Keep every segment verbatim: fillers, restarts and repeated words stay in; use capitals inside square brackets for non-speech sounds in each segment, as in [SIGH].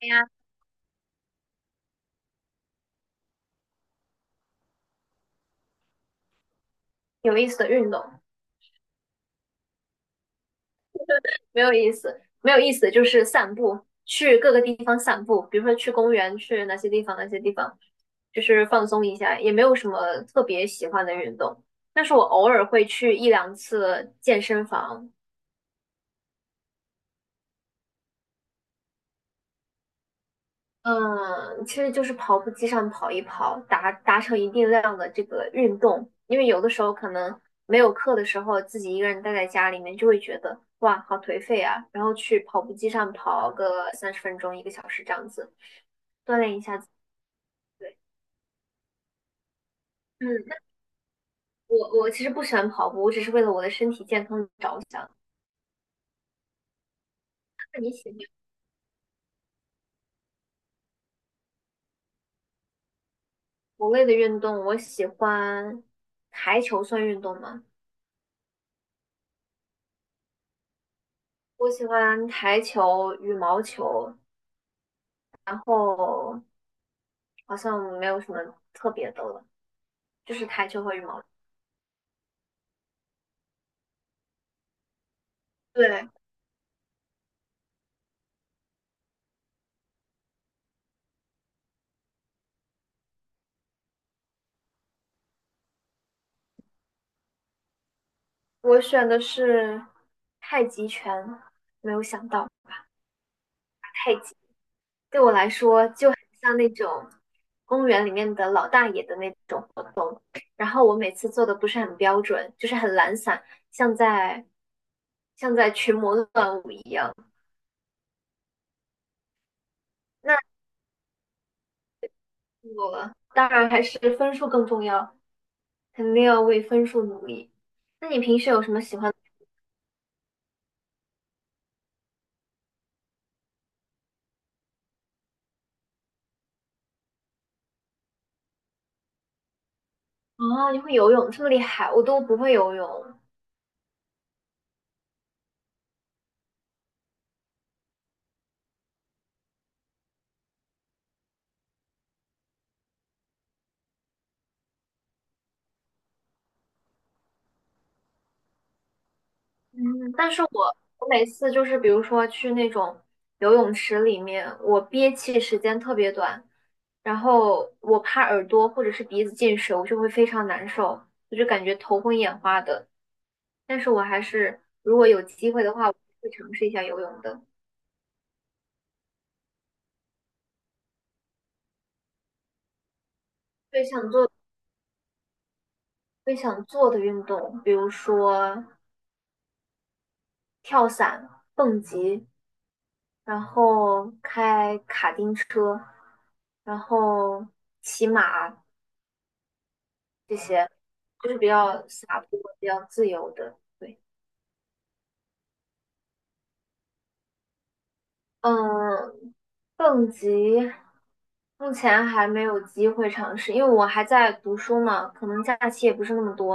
对呀，有意思的运动，没有意思，没有意思就是散步，去各个地方散步，比如说去公园，去哪些地方，哪些地方，就是放松一下，也没有什么特别喜欢的运动。但是我偶尔会去一两次健身房。嗯，其实就是跑步机上跑一跑，达达成一定量的这个运动。因为有的时候可能没有课的时候，自己一个人待在家里面，就会觉得哇，好颓废啊。然后去跑步机上跑个三十分钟、一个小时这样子，锻炼一下自己。对。嗯，那我我其实不喜欢跑步，我只是为了我的身体健康着想。那你喜欢某类的运动？我喜欢台球，算运动吗？我喜欢台球、羽毛球，然后。好像没有什么特别的了，就是台球和羽毛球。对，我选的是太极拳，没有想到太极对我来说就很像那种公园里面的老大爷的那种活动，然后我每次做的不是很标准，就是很懒散，像在像在群魔乱舞一样。那我当然还是分数更重要，肯定要为分数努力。那你平时有什么喜欢？啊，你会游泳，这么厉害，我都不会游泳。嗯，但是我我每次就是比如说去那种游泳池里面，我憋气时间特别短，然后我怕耳朵或者是鼻子进水，我就会非常难受，我就感觉头昏眼花的。但是我还是如果有机会的话，我会尝试一下游泳的。最想做最想做的运动，比如说跳伞、蹦极，然后开卡丁车，然后骑马。这些，就是比较洒脱、比较自由的。对。嗯，蹦极目前还没有机会尝试，因为我还在读书嘛，可能假期也不是那么多。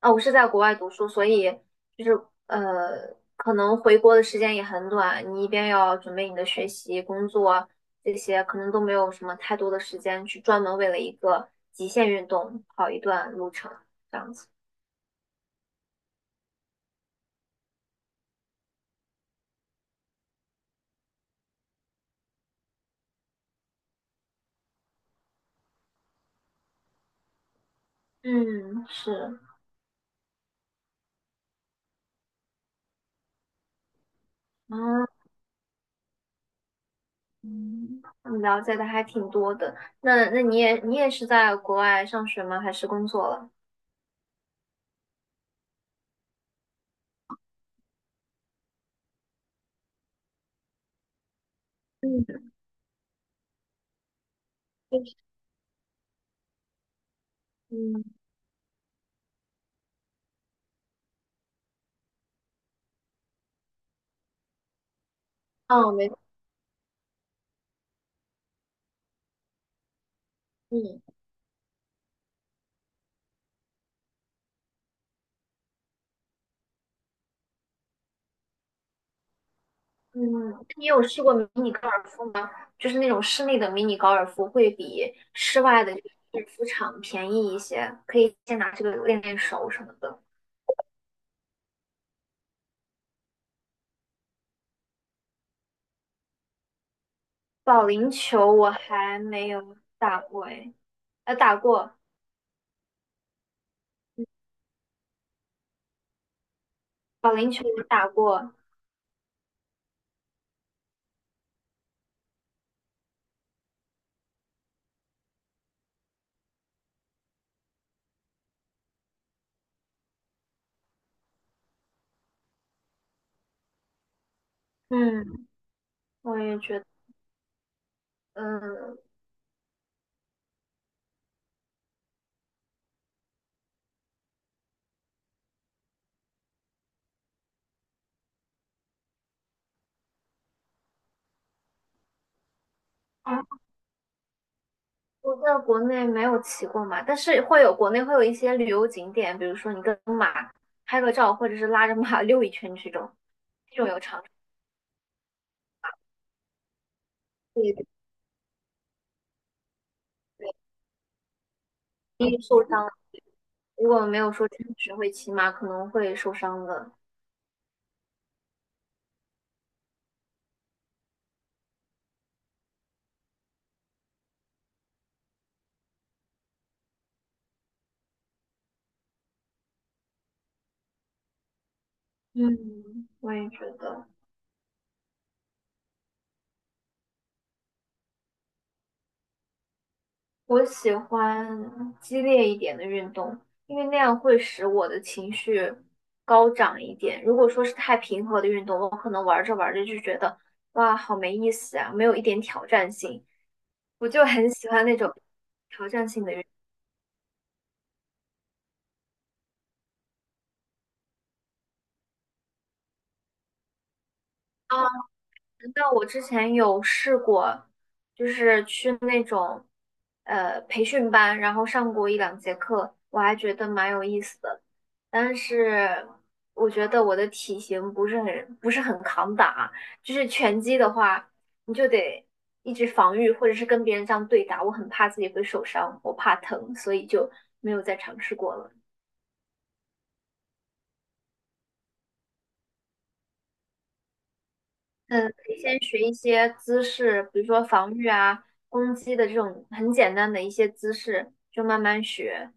啊，我是在国外读书，所以就是呃，可能回国的时间也很短。你一边要准备你的学习、工作这些，可能都没有什么太多的时间去专门为了一个极限运动跑一段路程这样子。嗯，是，啊。嗯，你了解的还挺多的。那那你也你也是在国外上学吗？还是工作了？嗯，就是，嗯，哦，没。嗯嗯，你有试过迷你高尔夫吗？就是那种室内的迷你高尔夫会比室外的高尔夫场便宜一些，可以先拿这个练练手什么的。保龄球我还没有打过诶。呃，打过保龄球我打过。嗯，我也觉得。嗯，哦，我在国内没有骑过马，但是会有国内会有一些旅游景点，比如说你跟马拍个照，或者是拉着马 [LAUGHS] 溜一圈这种，这种有常对对对，容易受伤。如果没有说真实会骑马，可能会受伤的。嗯，我也觉得。我喜欢激烈一点的运动，因为那样会使我的情绪高涨一点。如果说是太平和的运动，我可能玩着玩着就觉得哇，好没意思啊，没有一点挑战性。我就很喜欢那种挑战性的运动。啊，那我之前有试过，就是去那种呃培训班，然后上过一两节课，我还觉得蛮有意思的。但是我觉得我的体型不是很不是很抗打，就是拳击的话，你就得一直防御，或者是跟别人这样对打。我很怕自己会受伤，我怕疼，所以就没有再尝试过了。嗯，可以先学一些姿势，比如说防御啊、攻击的这种很简单的一些姿势，就慢慢学。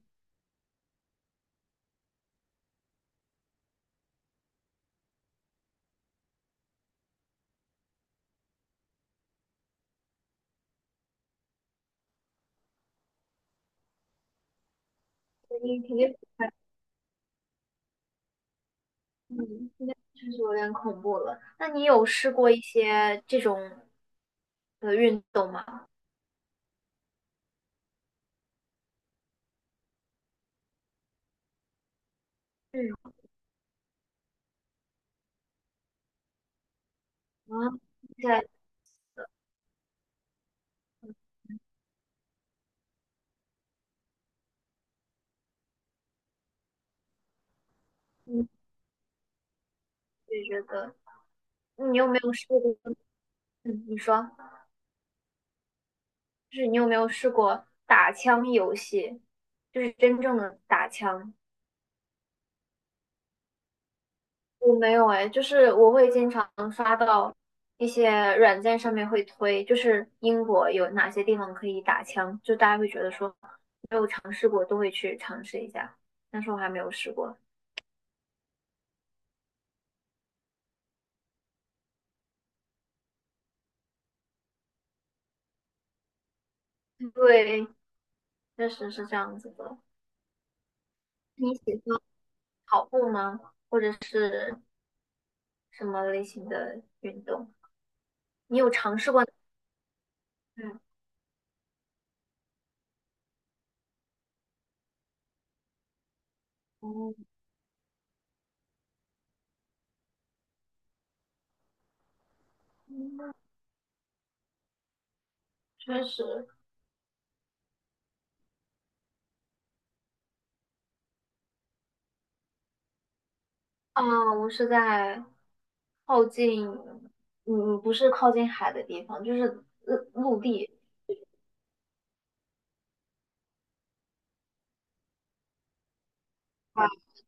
你肯定。嗯，现在确实有点恐怖了。那你有试过一些这种的运动吗？嗯，啊，在，嗯，也觉得你有没有试过？嗯，你说，就是你有没有试过打枪游戏，就是真正的打枪？我没有哎，就是我会经常刷到一些软件上面会推，就是英国有哪些地方可以打枪，就大家会觉得说没有尝试过都会去尝试一下，但是我还没有试过。对，确实是这样子的。你喜欢跑步吗？或者是什么类型的运动？你有尝试过？嗯。嗯，确实。啊，我是在靠近。嗯，不是靠近海的地方，就是陆陆地。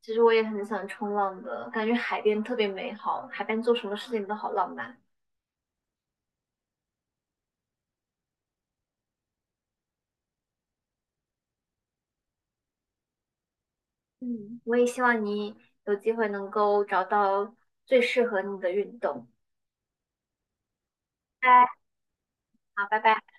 其实我也很想冲浪的，感觉海边特别美好，海边做什么事情都好浪漫。嗯，我也希望你有机会能够找到最适合你的运动。拜拜。好，拜拜。